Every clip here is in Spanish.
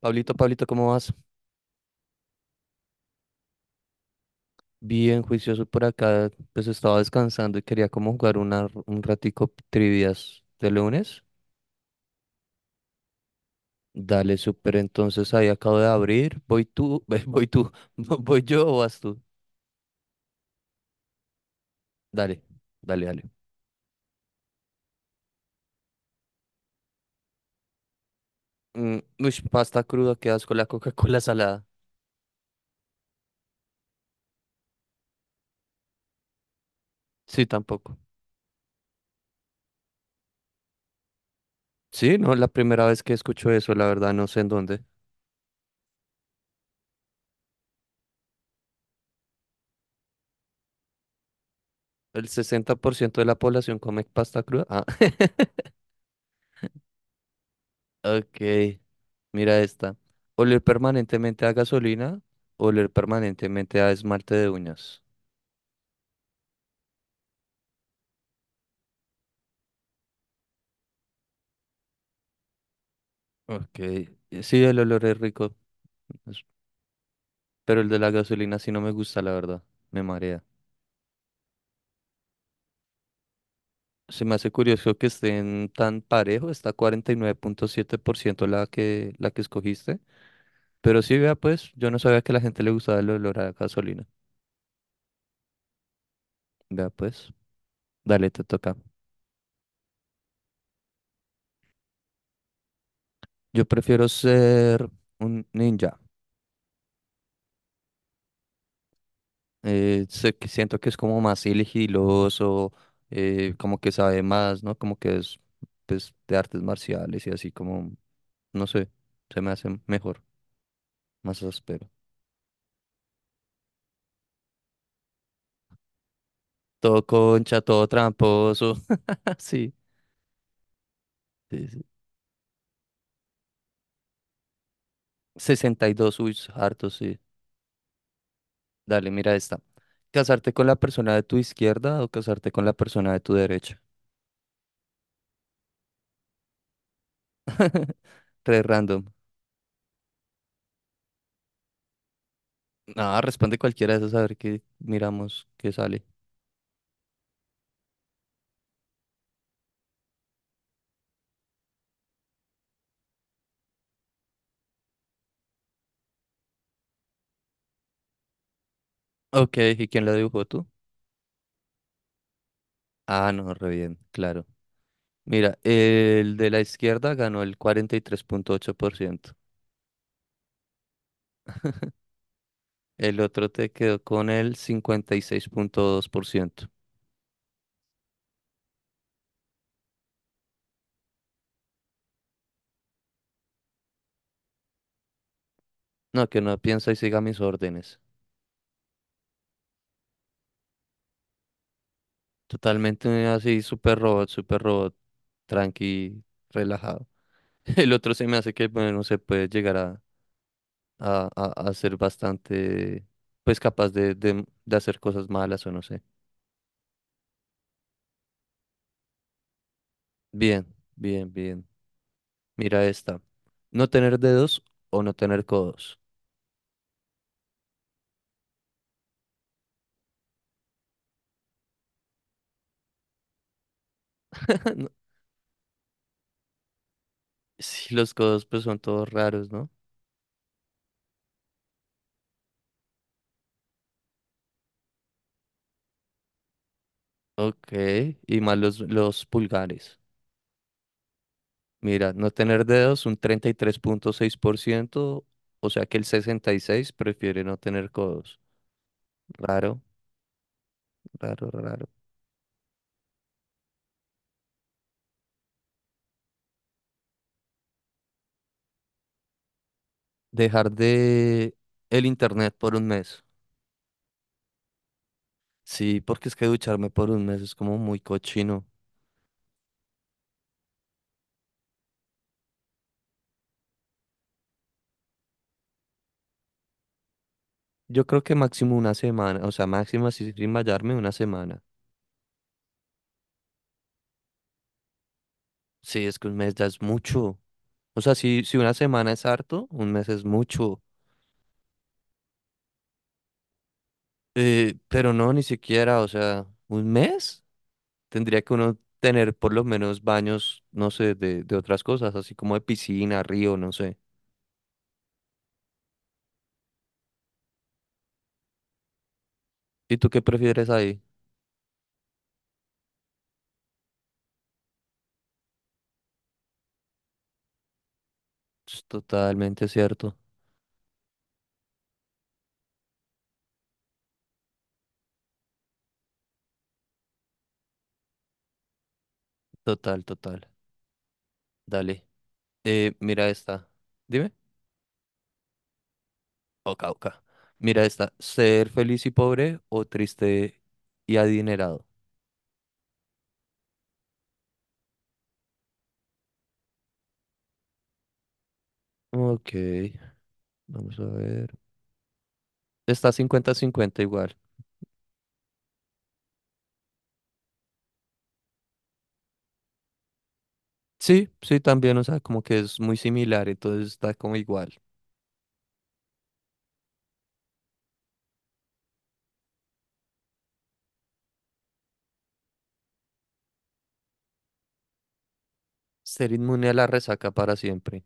Pablito, Pablito, ¿cómo vas? Bien juicioso por acá, pues estaba descansando y quería como jugar un ratico trivias de lunes. Dale, súper, entonces ahí acabo de abrir, voy tú, voy tú, voy yo o vas tú. Dale, dale, dale. Mm, ush, pasta cruda, qué asco la Coca-Cola salada. Sí, tampoco. Sí, no, la primera vez que escucho eso, la verdad, no sé en dónde. El 60% de la población come pasta cruda. Ah. Ok, mira esta. Oler permanentemente a gasolina, oler permanentemente a esmalte de uñas. Ok, sí, el olor es rico, es- pero el de la gasolina sí no me gusta, la verdad, me marea. Se me hace curioso que estén tan parejo, está 49.7% la que escogiste. Pero sí, vea pues, yo no sabía que a la gente le gustaba el olor a gasolina. Vea pues, dale, te toca. Yo prefiero ser un ninja. Sé que siento que es como más sigiloso, como que sabe más, ¿no? Como que es pues, de artes marciales y así como, no sé, se me hace mejor, más áspero. Todo concha, todo tramposo, sí, sí, sí. 62, uy, harto, sí. Dale, mira esta. ¿Casarte con la persona de tu izquierda o casarte con la persona de tu derecha? Tres random. Ah, responde cualquiera de esas a ver qué miramos, qué sale. Ok, ¿y quién la dibujó tú? Ah, no, re bien, claro. Mira, el de la izquierda ganó el 43.8%. El otro te quedó con el 56.2%. No, que no piensa y siga mis órdenes. Totalmente así, super robot, tranqui, relajado. El otro se me hace que, bueno, se puede llegar a ser bastante, pues capaz de hacer cosas malas o no sé. Bien, bien, bien. Mira esta. No tener dedos o no tener codos. Sí, los codos pues son todos raros, ¿no? Ok, y más los pulgares. Mira, no tener dedos un 33.6%, o sea que el 66% prefiere no tener codos. Raro, raro, raro. Dejar de el internet por un mes. Sí, porque es que ducharme por un mes es como muy cochino. Yo creo que máximo una semana, o sea, máximo así sin bañarme una semana. Sí, es que un mes ya es mucho. O sea, si una semana es harto, un mes es mucho. Pero no, ni siquiera, o sea, un mes tendría que uno tener por lo menos baños, no sé, de otras cosas, así como de piscina, río, no sé. ¿Y tú qué prefieres ahí? Es totalmente cierto. Total, total. Dale. Mira esta. Dime. Oca, oca. Mira esta. ¿Ser feliz y pobre o triste y adinerado? Ok, vamos a ver. Está 50-50 igual. Sí, sí, también, o sea, como que es muy similar, entonces está como igual. Ser inmune a la resaca para siempre.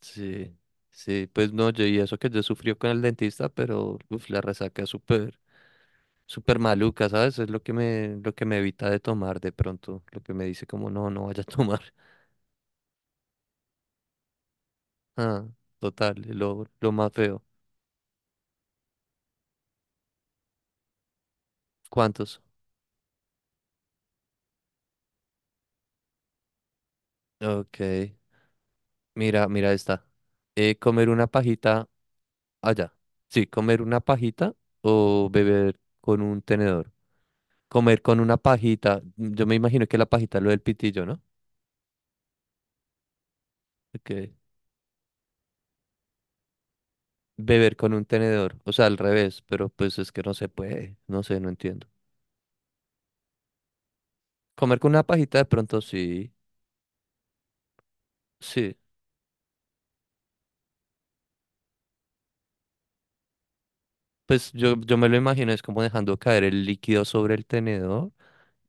Sí, sí, pues no, yo y eso que yo sufrió con el dentista, pero uf, la resaca es súper, súper maluca, ¿sabes? Es lo que me evita de tomar de pronto, lo que me dice como no, no vaya a tomar. Ah, total, lo más feo. ¿Cuántos? Ok, mira esta. Comer una pajita allá. Sí, comer una pajita o beber con un tenedor. Comer con una pajita, yo me imagino que la pajita es lo del pitillo, ¿no? Ok. Beber con un tenedor, o sea, al revés, pero pues es que no se puede, no sé, no entiendo. Comer con una pajita de pronto sí, sí. Pues yo me lo imagino, es como dejando caer el líquido sobre el tenedor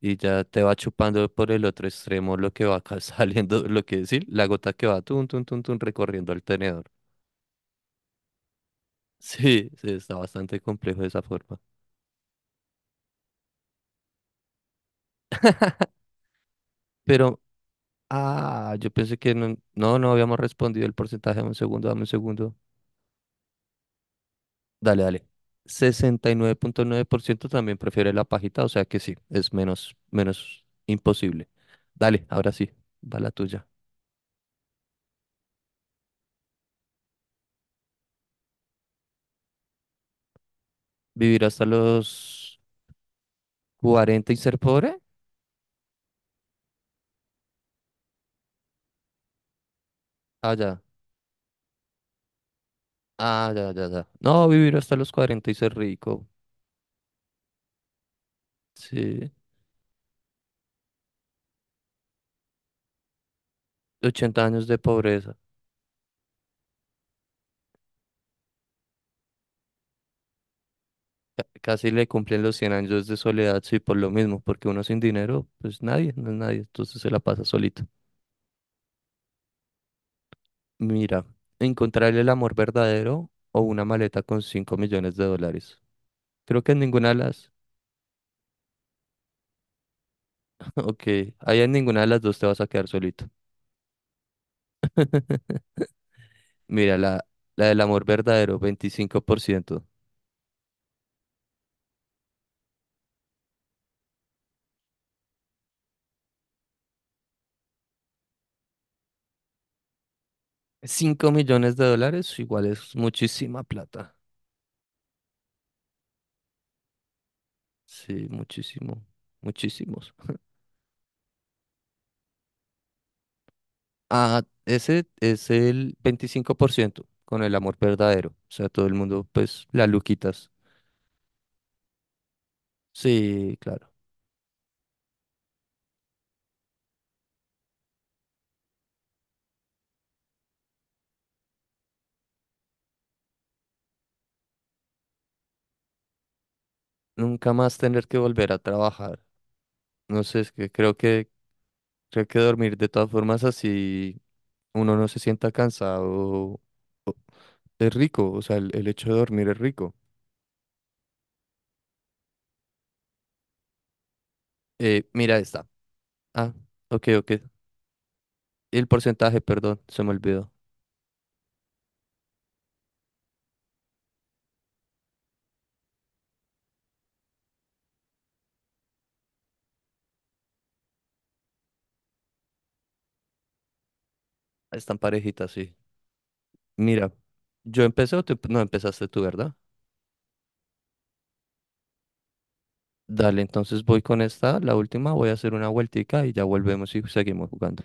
y ya te va chupando por el otro extremo lo que va acá saliendo, lo que decir, la gota que va tun, tun, tun, tun, recorriendo el tenedor. Sí, sí, está bastante complejo de esa forma. Pero, ah, yo pensé que no, no, no habíamos respondido el porcentaje, dame un segundo, dame un segundo. Dale, dale. 69.9% también prefiere la pajita, o sea que sí, es menos, menos imposible. Dale, ahora sí, va la tuya. ¿Vivir hasta los 40 y ser pobre? Ah, ya. Ah, ya, ya, ya. No, vivir hasta los 40 y ser rico. Sí. 80 años de pobreza. Casi le cumplen los 100 años de soledad, sí, por lo mismo, porque uno sin dinero, pues nadie, no es nadie, entonces se la pasa solito. Mira, encontrar el amor verdadero o una maleta con 5 millones de dólares. Creo que en ninguna de las... Ok, ahí en ninguna de las dos te vas a quedar solito. Mira, la del amor verdadero, 25%. 5 millones de dólares igual es muchísima plata. Sí, muchísimo, muchísimos. Ah, ese es el 25% con el amor verdadero. O sea, todo el mundo, pues, la luquitas. Sí, claro. Nunca más tener que volver a trabajar. No sé, es que creo que dormir de todas formas así uno no se sienta cansado o- es rico, o sea, el hecho de dormir es rico. Mira esta. Ah, ok, ok. El porcentaje, perdón, se me olvidó. Están parejitas, sí. Mira, yo empecé o tú no empezaste tú, ¿verdad? Dale, entonces voy con esta, la última, voy a hacer una vueltica y ya volvemos y seguimos jugando.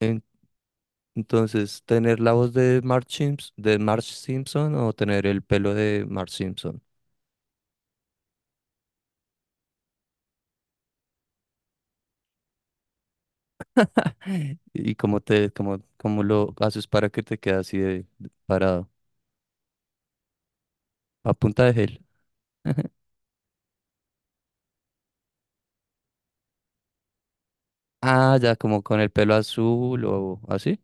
En- entonces, ¿tener la voz de Marge Simpson o tener el pelo de Marge Simpson? ¿Y cómo te, cómo lo haces para que te quede así de parado? A punta de gel. Ah, ya como con el pelo azul o así.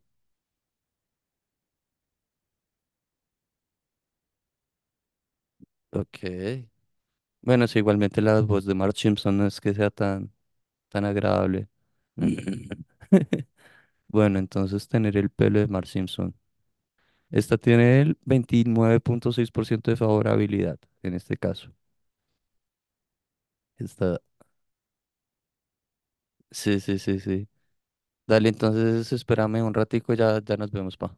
Ok. Bueno, sí, igualmente la voz de Marge Simpson no es que sea tan, tan agradable. Bueno, entonces tener el pelo de Marge Simpson. Esta tiene el 29.6% de favorabilidad en este caso. Esta, sí, sí, sí, sí. Dale, entonces espérame un ratico ya, ya nos vemos, pa.